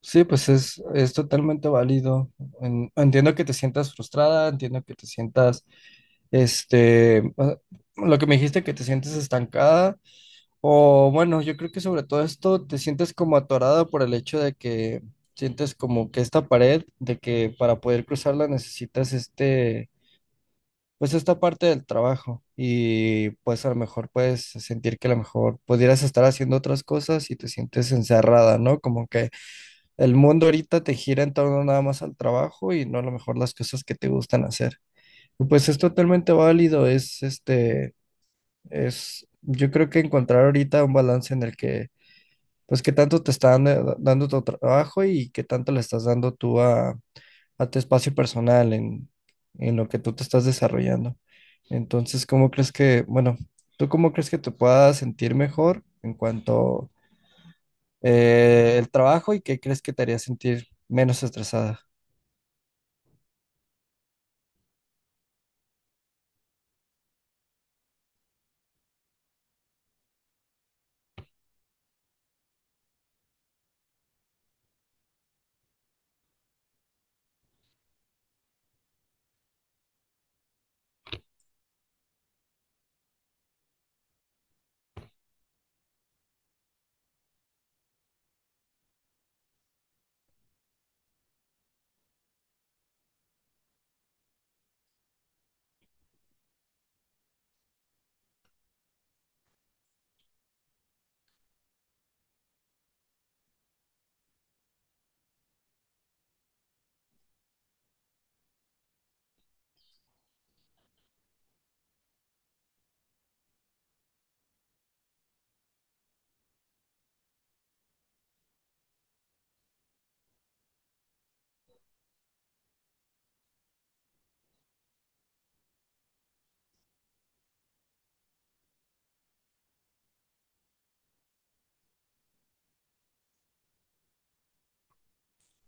Sí, pues es totalmente válido. En- entiendo que te sientas frustrada, entiendo que te sientas, este, ah, lo que me dijiste, que te sientes estancada, o bueno, yo creo que sobre todo esto te sientes como atorada por el hecho de que sientes como que esta pared, de que para poder cruzarla necesitas pues esta parte del trabajo y pues a lo mejor puedes sentir que a lo mejor pudieras estar haciendo otras cosas y te sientes encerrada, ¿no? Como que el mundo ahorita te gira en torno nada más al trabajo y no a lo mejor las cosas que te gustan hacer. Y pues es totalmente válido, yo creo que encontrar ahorita un balance en el que, pues qué tanto te está dando tu trabajo y qué tanto le estás dando tú a tu espacio personal en lo que tú te estás desarrollando. Entonces, ¿cómo crees que, bueno, tú cómo crees que te puedas sentir mejor en cuanto el trabajo y qué crees que te haría sentir menos estresada?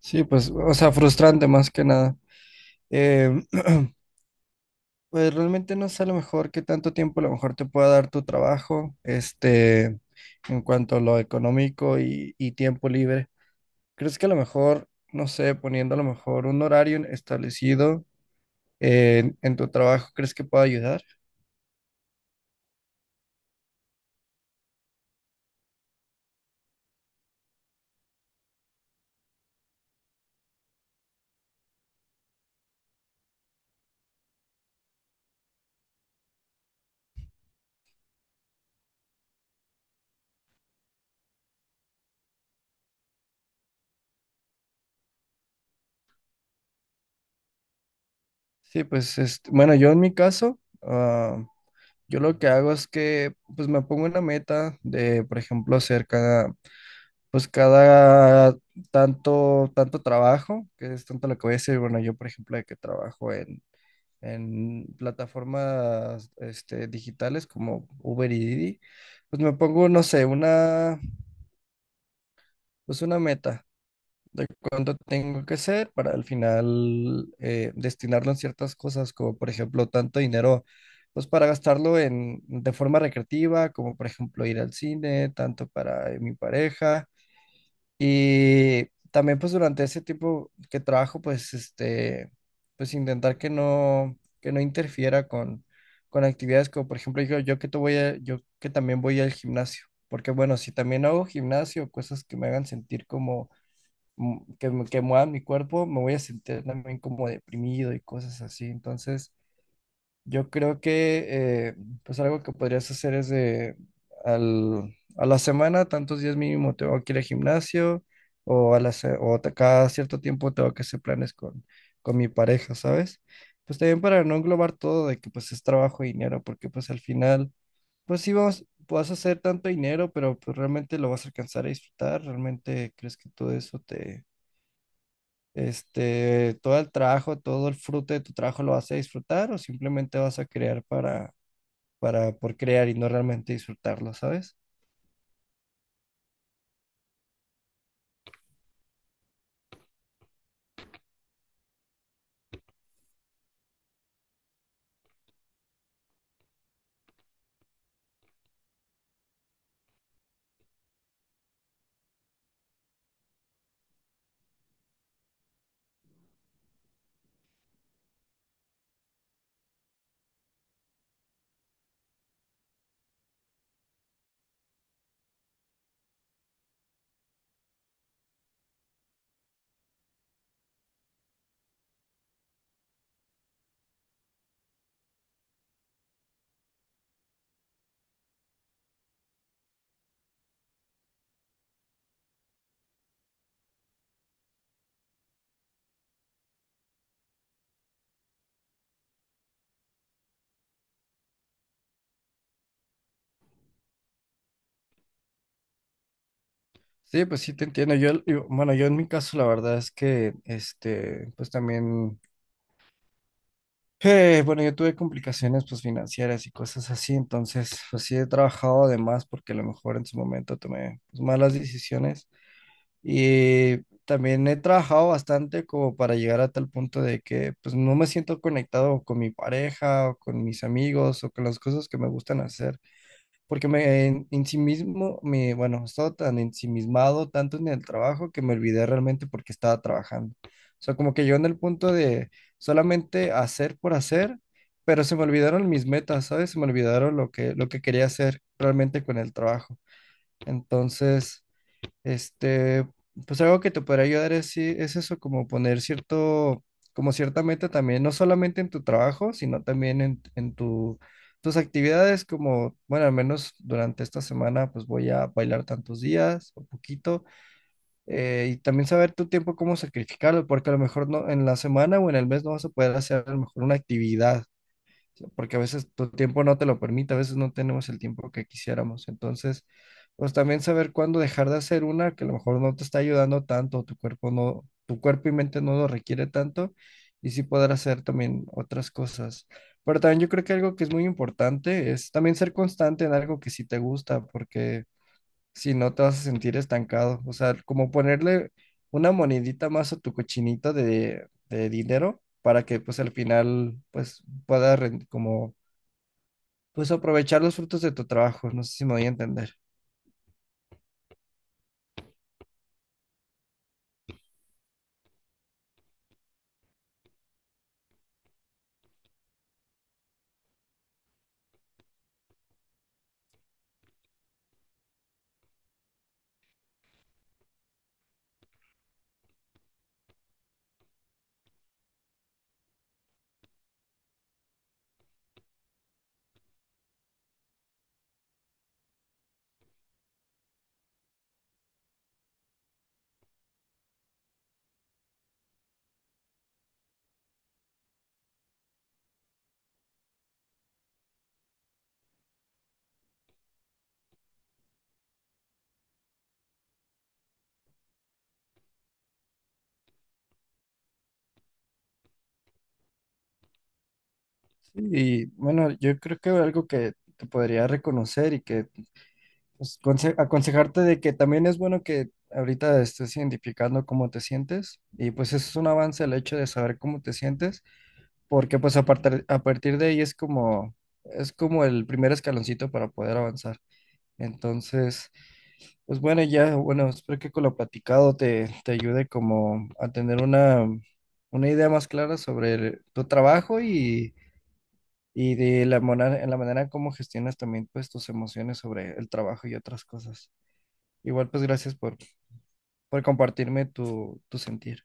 Sí, pues, o sea, frustrante más que nada. Eh, pues realmente no sé a lo mejor qué tanto tiempo a lo mejor te pueda dar tu trabajo, en cuanto a lo económico y tiempo libre. ¿Crees que a lo mejor, no sé, poniendo a lo mejor un horario establecido en tu trabajo, crees que pueda ayudar? Sí, pues, bueno, yo en mi caso, yo lo que hago es que, pues, me pongo una meta de, por ejemplo, hacer cada pues cada tanto, tanto trabajo, que es tanto lo que voy a decir, bueno, yo por ejemplo de que trabajo en plataformas digitales como Uber y Didi, pues me pongo, no sé, una, pues una meta de cuánto tengo que hacer para al final destinarlo en ciertas cosas, como por ejemplo tanto dinero. Pues para gastarlo en, de forma recreativa, como por ejemplo ir al cine, tanto para mi pareja. Y también pues durante ese tiempo que trabajo, pues pues intentar que no interfiera con actividades como por ejemplo yo que te voy a- yo que también voy al gimnasio, porque bueno, si también hago gimnasio, cosas que me hagan sentir como que, me- que muevan mi cuerpo, me voy a sentir también como deprimido y cosas así. Entonces, yo creo que pues algo que podrías hacer es de al- a la semana, tantos días mínimo tengo que ir al gimnasio o, a la, se- o te- cada cierto tiempo tengo que hacer planes con mi pareja, ¿sabes? Pues también para no englobar todo de que pues es trabajo y dinero, porque pues al final, pues sí vas a hacer tanto dinero, pero pues realmente lo vas a alcanzar a disfrutar, realmente crees que todo eso te... Este, todo el trabajo, todo el fruto de tu trabajo lo vas a disfrutar o simplemente vas a crear para por crear y no realmente disfrutarlo, ¿sabes? Sí, pues sí te entiendo. Yo- bueno, yo en mi caso la verdad es que, pues también, bueno, yo tuve complicaciones pues financieras y cosas así, entonces pues sí he trabajado además porque a lo mejor en su momento tomé pues, malas decisiones y también he trabajado bastante como para llegar a tal punto de que pues no me siento conectado con mi pareja o con mis amigos o con las cosas que me gustan hacer. Porque me en sí mismo, me, bueno, no estaba tan ensimismado tanto en el trabajo que me olvidé realmente porque estaba trabajando. O sea, como que yo en el punto de solamente hacer por hacer, pero se me olvidaron mis metas, ¿sabes? Se me olvidaron lo que quería hacer realmente con el trabajo. Entonces... Este, pues algo que te podría ayudar es, sí- es eso, como poner cierto, como cierta meta también, no solamente en tu trabajo, sino también en tu, tus actividades, como, bueno, al menos durante esta semana, pues voy a bailar tantos días o poquito, y también saber tu tiempo, cómo sacrificarlo, porque a lo mejor no, en la semana o en el mes no vas a poder hacer a lo mejor una actividad porque a veces tu tiempo no te lo permite, a veces no tenemos el tiempo que quisiéramos. Entonces, pues también saber cuándo dejar de hacer una que a lo mejor no te está ayudando tanto, tu cuerpo no, tu cuerpo y mente no lo requiere tanto, y sí poder hacer también otras cosas. Pero también yo creo que algo que es muy importante es también ser constante en algo que sí te gusta, porque si no te vas a sentir estancado. O sea, como ponerle una monedita más a tu cochinito de dinero para que pues al final pues puedas ren- como pues aprovechar los frutos de tu trabajo. No sé si me voy a entender. Sí. Y bueno, yo creo que algo que te podría reconocer y que pues, conse- aconsejarte de que también es bueno que ahorita estés identificando cómo te sientes y pues eso es un avance el hecho de saber cómo te sientes porque pues a partir de ahí es como el primer escaloncito para poder avanzar. Entonces, pues bueno, ya, bueno, espero que con lo platicado te, te ayude como a tener una idea más clara sobre el- tu trabajo y de la, mona- en la manera en cómo gestionas también pues tus emociones sobre el trabajo y otras cosas. Igual pues gracias por compartirme tu, tu sentir.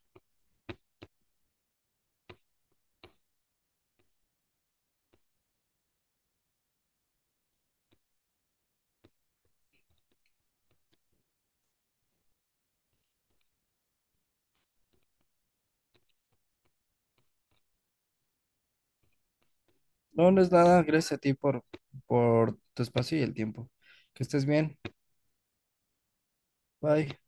No, no es nada, gracias a ti por tu espacio y el tiempo. Que estés bien. Bye.